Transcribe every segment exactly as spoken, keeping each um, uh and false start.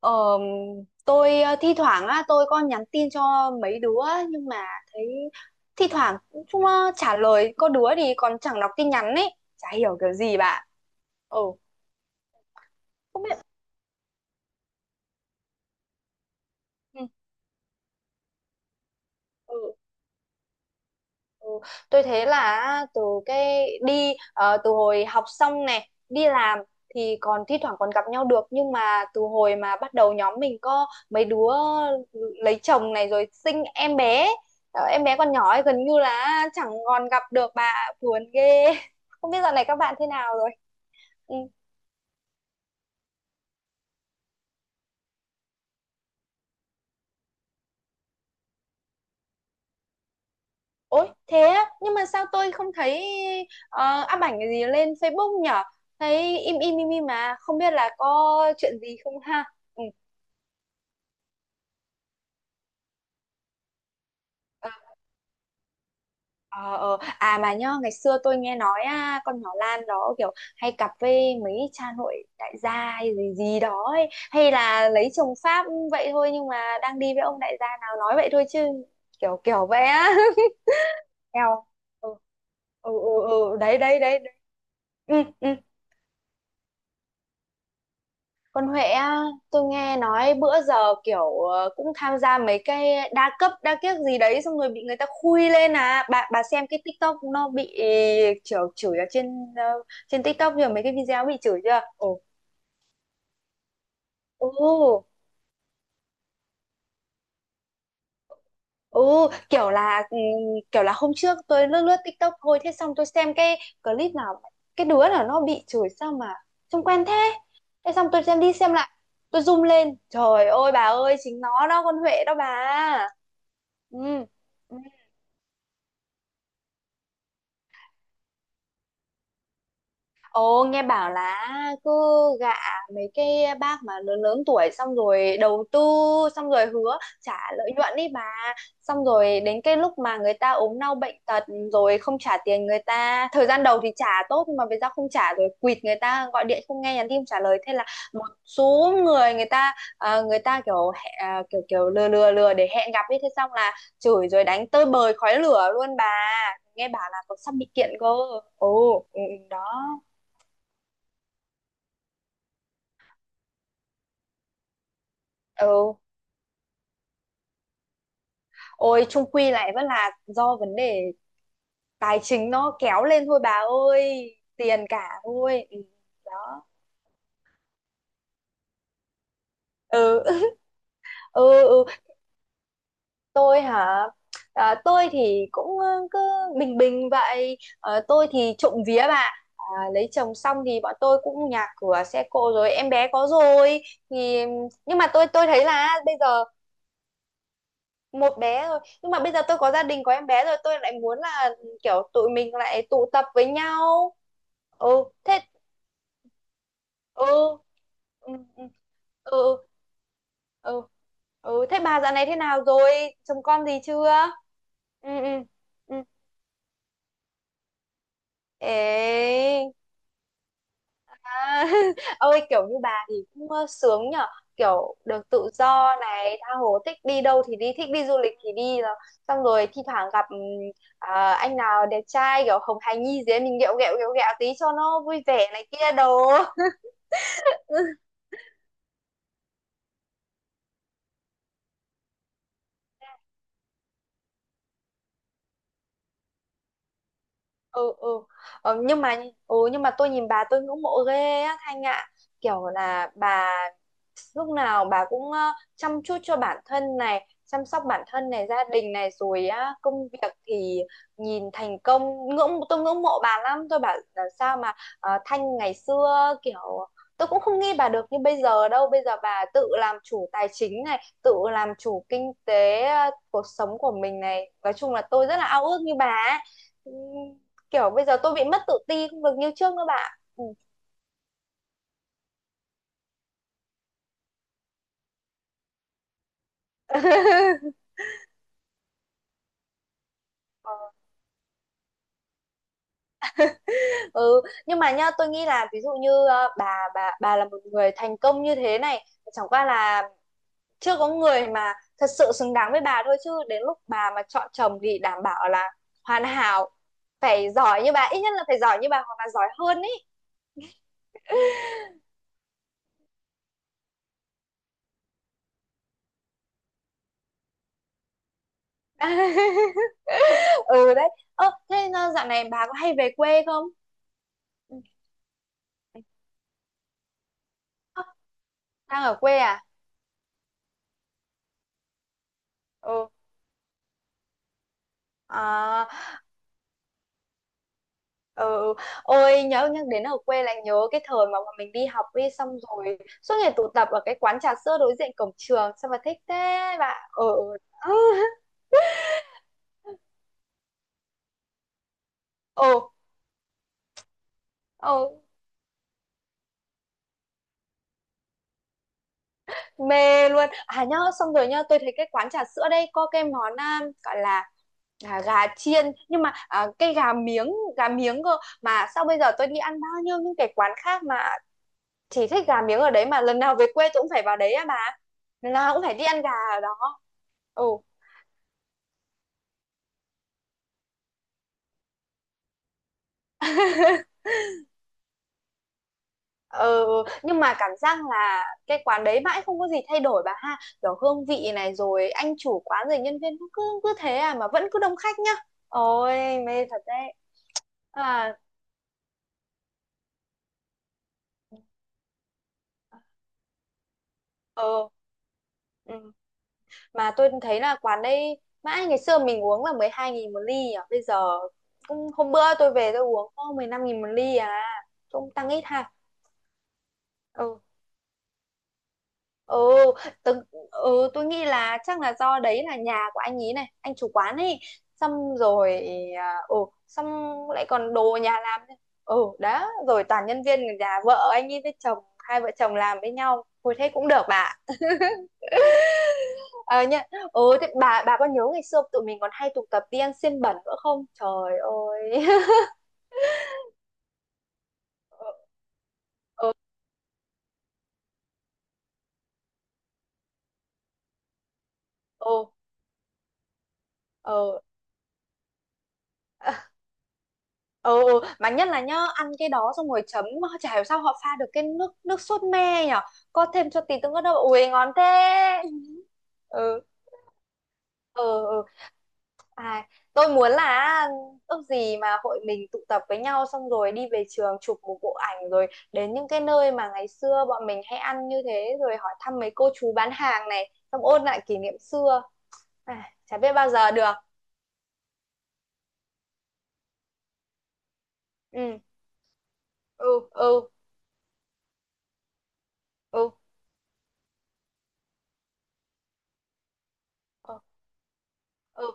Ờ, tôi ờ, thi thoảng á tôi có nhắn tin cho mấy đứa á, nhưng mà thấy thi thoảng chúng nó trả lời, có đứa thì còn chẳng đọc tin nhắn ấy, chả hiểu kiểu gì bạn. Ừ, không biết. Ừ. Ừ, tôi thấy là từ cái đi ờ, từ hồi học xong này đi làm thì còn thi thoảng còn gặp nhau được, nhưng mà từ hồi mà bắt đầu nhóm mình có mấy đứa lấy chồng này rồi sinh em bé, ờ, em bé còn nhỏ ấy, gần như là chẳng còn gặp được bà, buồn ghê. Không biết dạo này các bạn thế nào rồi. Ừ. Ôi thế á, nhưng mà sao tôi không thấy uh, up ảnh gì lên Facebook nhở. Thấy im im im im mà không biết là có chuyện gì không ha. Ừ. ờ, Ờ, ờ. À mà nhá, ngày xưa tôi nghe nói à, con nhỏ Lan đó kiểu hay cặp với mấy cha nội đại gia hay gì gì đó ấy. Hay là lấy chồng Pháp vậy thôi, nhưng mà đang đi với ông đại gia nào nói vậy thôi chứ kiểu kiểu vậy á. Theo. Ừ ừ. Ừ, ừ. Đấy đấy đấy đấy. Ừ, ừ. Còn Huệ á, tôi nghe nói bữa giờ kiểu ờ, cũng tham gia mấy cái đa cấp đa kiếc gì đấy, xong rồi bị người ta khui lên. À bà bà xem cái TikTok nó bị chửi chửi ở trên ờ, trên TikTok rồi mấy cái video bị chửi chưa? Ồ. Ồ. Ồ, kiểu là ừ, kiểu là hôm trước tôi lướt lướt TikTok thôi, thế xong tôi xem cái clip nào cái đứa nào nó bị chửi sao mà trông quen thế. Thế xong tôi xem đi xem lại, tôi zoom lên. Trời ơi bà ơi, chính nó đó, con Huệ đó bà. Ừ. Ừ. Ồ, nghe bảo là cứ gạ mấy cái bác mà lớn lớn tuổi xong rồi đầu tư, xong rồi hứa trả lợi nhuận đi bà, xong rồi đến cái lúc mà người ta ốm đau bệnh tật rồi không trả tiền người ta, thời gian đầu thì trả tốt nhưng mà về sau không trả rồi quỵt, người ta gọi điện không nghe, nhắn tin không trả lời, thế là một số người, người ta ờ, người ta kiểu hẹ- à, kiểu kiểu lừa lừa lừa để hẹn gặp ấy, thế xong là chửi rồi đánh tơi bời khói lửa luôn bà. Nghe bảo là còn sắp bị kiện cơ. Ồ, ừ, ừ, đó. Ừ. Ôi, chung quy lại vẫn là do vấn đề tài chính nó kéo lên thôi bà ơi, tiền cả thôi. Ừ, đó. Ừ. Ừ. Ừ, tôi hả? À, tôi thì cũng ờ, cứ bình bình vậy. Ờ, tôi thì trộm vía bà, à, lấy chồng xong thì bọn tôi cũng nhà cửa xe cộ rồi, em bé có rồi thì, nhưng mà tôi tôi thấy là bây giờ một bé rồi, nhưng mà bây giờ tôi có gia đình có em bé rồi tôi lại muốn là kiểu tụi mình lại tụ tập với nhau. Ừ, thế. Ừ. Ừ. Ừ. Ừ. Ừ. Ừ. Thế bà dạo này thế nào rồi, chồng con gì chưa? Ừ. Ừ. Ừ. Ê. À, ôi kiểu như bà thì cũng ờ, sướng nhở, kiểu được tự do này, tha hồ thích đi đâu thì đi, thích đi du lịch thì đi, rồi xong rồi thi thoảng gặp ừm, à, anh nào đẹp trai kiểu hồng hài nhi gì ấy, mình ghẹo ghẹo ghẹo ghẹo tí cho nó vui vẻ này kia đồ. Ừ. Ừ. Ờ, nhưng mà. Ừ, nhưng mà tôi nhìn bà tôi ngưỡng mộ ghê á Thanh ạ. Kiểu là bà lúc nào bà cũng ờ, chăm chút cho bản thân này, chăm sóc bản thân này, gia đình này, rồi á công việc thì nhìn thành công, ngưỡng tôi ngưỡng mộ bà lắm. Tôi bảo là sao mà ờ, Thanh ngày xưa kiểu tôi cũng không nghĩ bà được như bây giờ đâu. Bây giờ bà tự làm chủ tài chính này, tự làm chủ kinh tế ờ, cuộc sống của mình này, nói chung là tôi rất là ao ước như bà ấy. Kiểu bây giờ tôi bị mất tự ti, không được như trước nữa bạn. Ừ. Ờ. Ừ, nhưng mà nhá tôi nghĩ là ví dụ như ờ, bà bà bà là một người thành công như thế này, chẳng qua là chưa có người mà thật sự xứng đáng với bà thôi, chứ đến lúc bà mà chọn chồng thì đảm bảo là hoàn hảo, phải giỏi như bà, ít nhất là phải giỏi như bà hoặc là giỏi hơn ý. Ừ, đấy. Ơ thế ờ, dạo này bà có hay về quê không? Ừ. Ơ, đang ở quê à? Ừ. À. Ừ. Ôi nhớ, nhắc đến ở quê lại nhớ cái thời mà bọn mình đi học, đi xong rồi suốt ngày tụ tập ở cái quán trà sữa đối diện cổng trường, sao mà thích thế bạn. Ừ. Ừ. Ừ. Ừ, mê luôn à nhớ, xong rồi nhớ tôi thấy cái quán trà sữa đây có cái món à, gọi là à, gà chiên nhưng mà à, cái gà miếng gà miếng cơ. Mà sao bây giờ tôi đi ăn bao nhiêu những cái quán khác mà chỉ thích gà miếng ở đấy, mà lần nào về quê tôi cũng phải vào đấy à bà, lần nào cũng phải đi ăn gà ở đó. Ừ. Ờ, nhưng mà cảm giác là cái quán đấy mãi không có gì thay đổi bà ha, kiểu hương vị này rồi anh chủ quán rồi nhân viên, nó cứ cứ thế à mà vẫn cứ đông khách nhá. Ôi mê thật đấy. À. Ờ. Ừ. Mà tôi thấy là quán đây mãi ngày xưa mình uống là mười hai nghìn một ly à, bây giờ cũng hôm bữa tôi về tôi uống có mười lăm nghìn một ly à, cũng tăng ít ha. Ừ. Ừ. Tớ, ừ tôi nghĩ là chắc là do đấy là nhà của anh ý này, anh chủ quán ấy, xong rồi à, ừ xong lại còn đồ nhà làm nữa. Ừ đó, rồi toàn nhân viên nhà vợ anh ấy với chồng, hai vợ chồng làm với nhau hồi, thế cũng được bà. Ờ nhá. Ừ, thế bà bà có nhớ ngày xưa tụi mình còn hay tụ tập đi ăn xiên bẩn nữa không, trời ơi. Ừ. Ừ. Ừ. Ờ, ừ, mà nhất là nhá ăn cái đó xong rồi chấm, chả hiểu sao họ pha được cái nước nước sốt me nhở, có thêm cho tí tương ớt đâu, ui ngon thế. Ừ. Ừ. Ừ. À, tôi muốn là ước gì mà hội mình tụ tập với nhau xong rồi đi về trường chụp một bộ ảnh, rồi đến những cái nơi mà ngày xưa bọn mình hay ăn như thế, rồi hỏi thăm mấy cô chú bán hàng này, xong ôn lại kỷ niệm xưa. À, chả biết bao giờ được. Ừ. Ừ. Ừ. Ừ. Ừ. Ừ.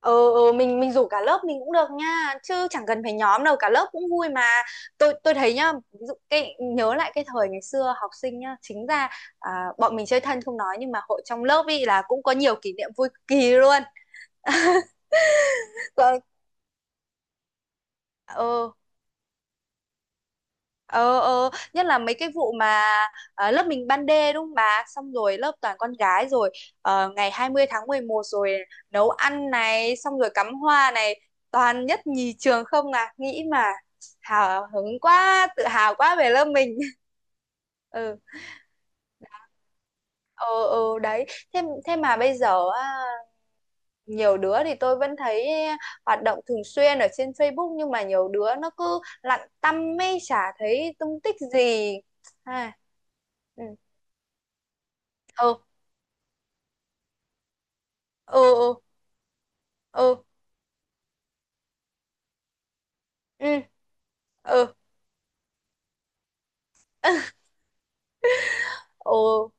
Ừ, ừ mình mình rủ cả lớp mình cũng được nha, chứ chẳng cần phải nhóm đâu, cả lớp cũng vui mà. Tôi tôi thấy nhá ví dụ cái nhớ lại cái thời ngày xưa học sinh nhá, chính ra à, bọn mình chơi thân không nói, nhưng mà hội trong lớp ý là cũng có nhiều kỷ niệm vui cực kỳ luôn. Còn- ừ. Ờ ờ nhất là mấy cái vụ mà ờ, lớp mình ban đê đúng không bà, xong rồi lớp toàn con gái rồi ờ, ngày hai mươi tháng mười một rồi nấu ăn này, xong rồi cắm hoa này, toàn nhất nhì trường không à, nghĩ mà hào hứng quá, tự hào quá về lớp mình. Ừ. Ừ. Ừ, đấy. Thế thế mà bây giờ á, nhiều đứa thì tôi vẫn thấy hoạt động thường xuyên ở trên Facebook, nhưng mà nhiều đứa nó cứ lặn tăm mê, chả thấy tung tích gì. À. Ừ. Ừ. Ừ. Ừ. Ừ. Ừ. Ừ. Ừ.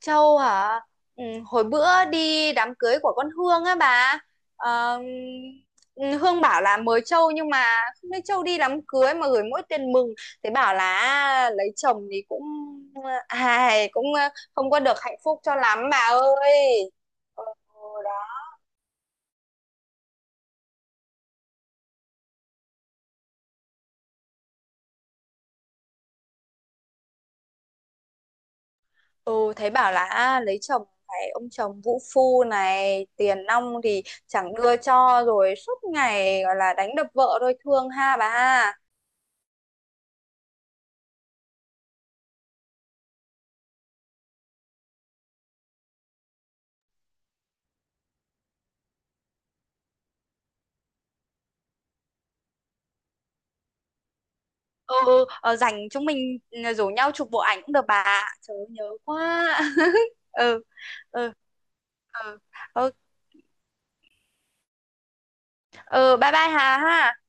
Châu hả? Ừ, hồi bữa đi đám cưới của con Hương á bà. Ờ, ừ, Hương bảo là mời Châu nhưng mà không thấy Châu đi đám cưới mà gửi mỗi tiền mừng. Thế bảo là lấy chồng thì cũng ai cũng ờ, không có được hạnh phúc cho lắm bà ơi. Ừ, đó. Ừ, thấy bảo là à, lấy chồng phải ông chồng vũ phu này, tiền nong thì chẳng đưa cho, rồi suốt ngày gọi là đánh đập vợ thôi, thương ha bà. Ừ. Ừ, ờ, rảnh chúng mình ừ, rủ nhau chụp bộ ảnh cũng được bà ạ. Trời ơi, nhớ quá. Ừ. Ừ. Ừ. Ừ, ừ bye bye Hà ha.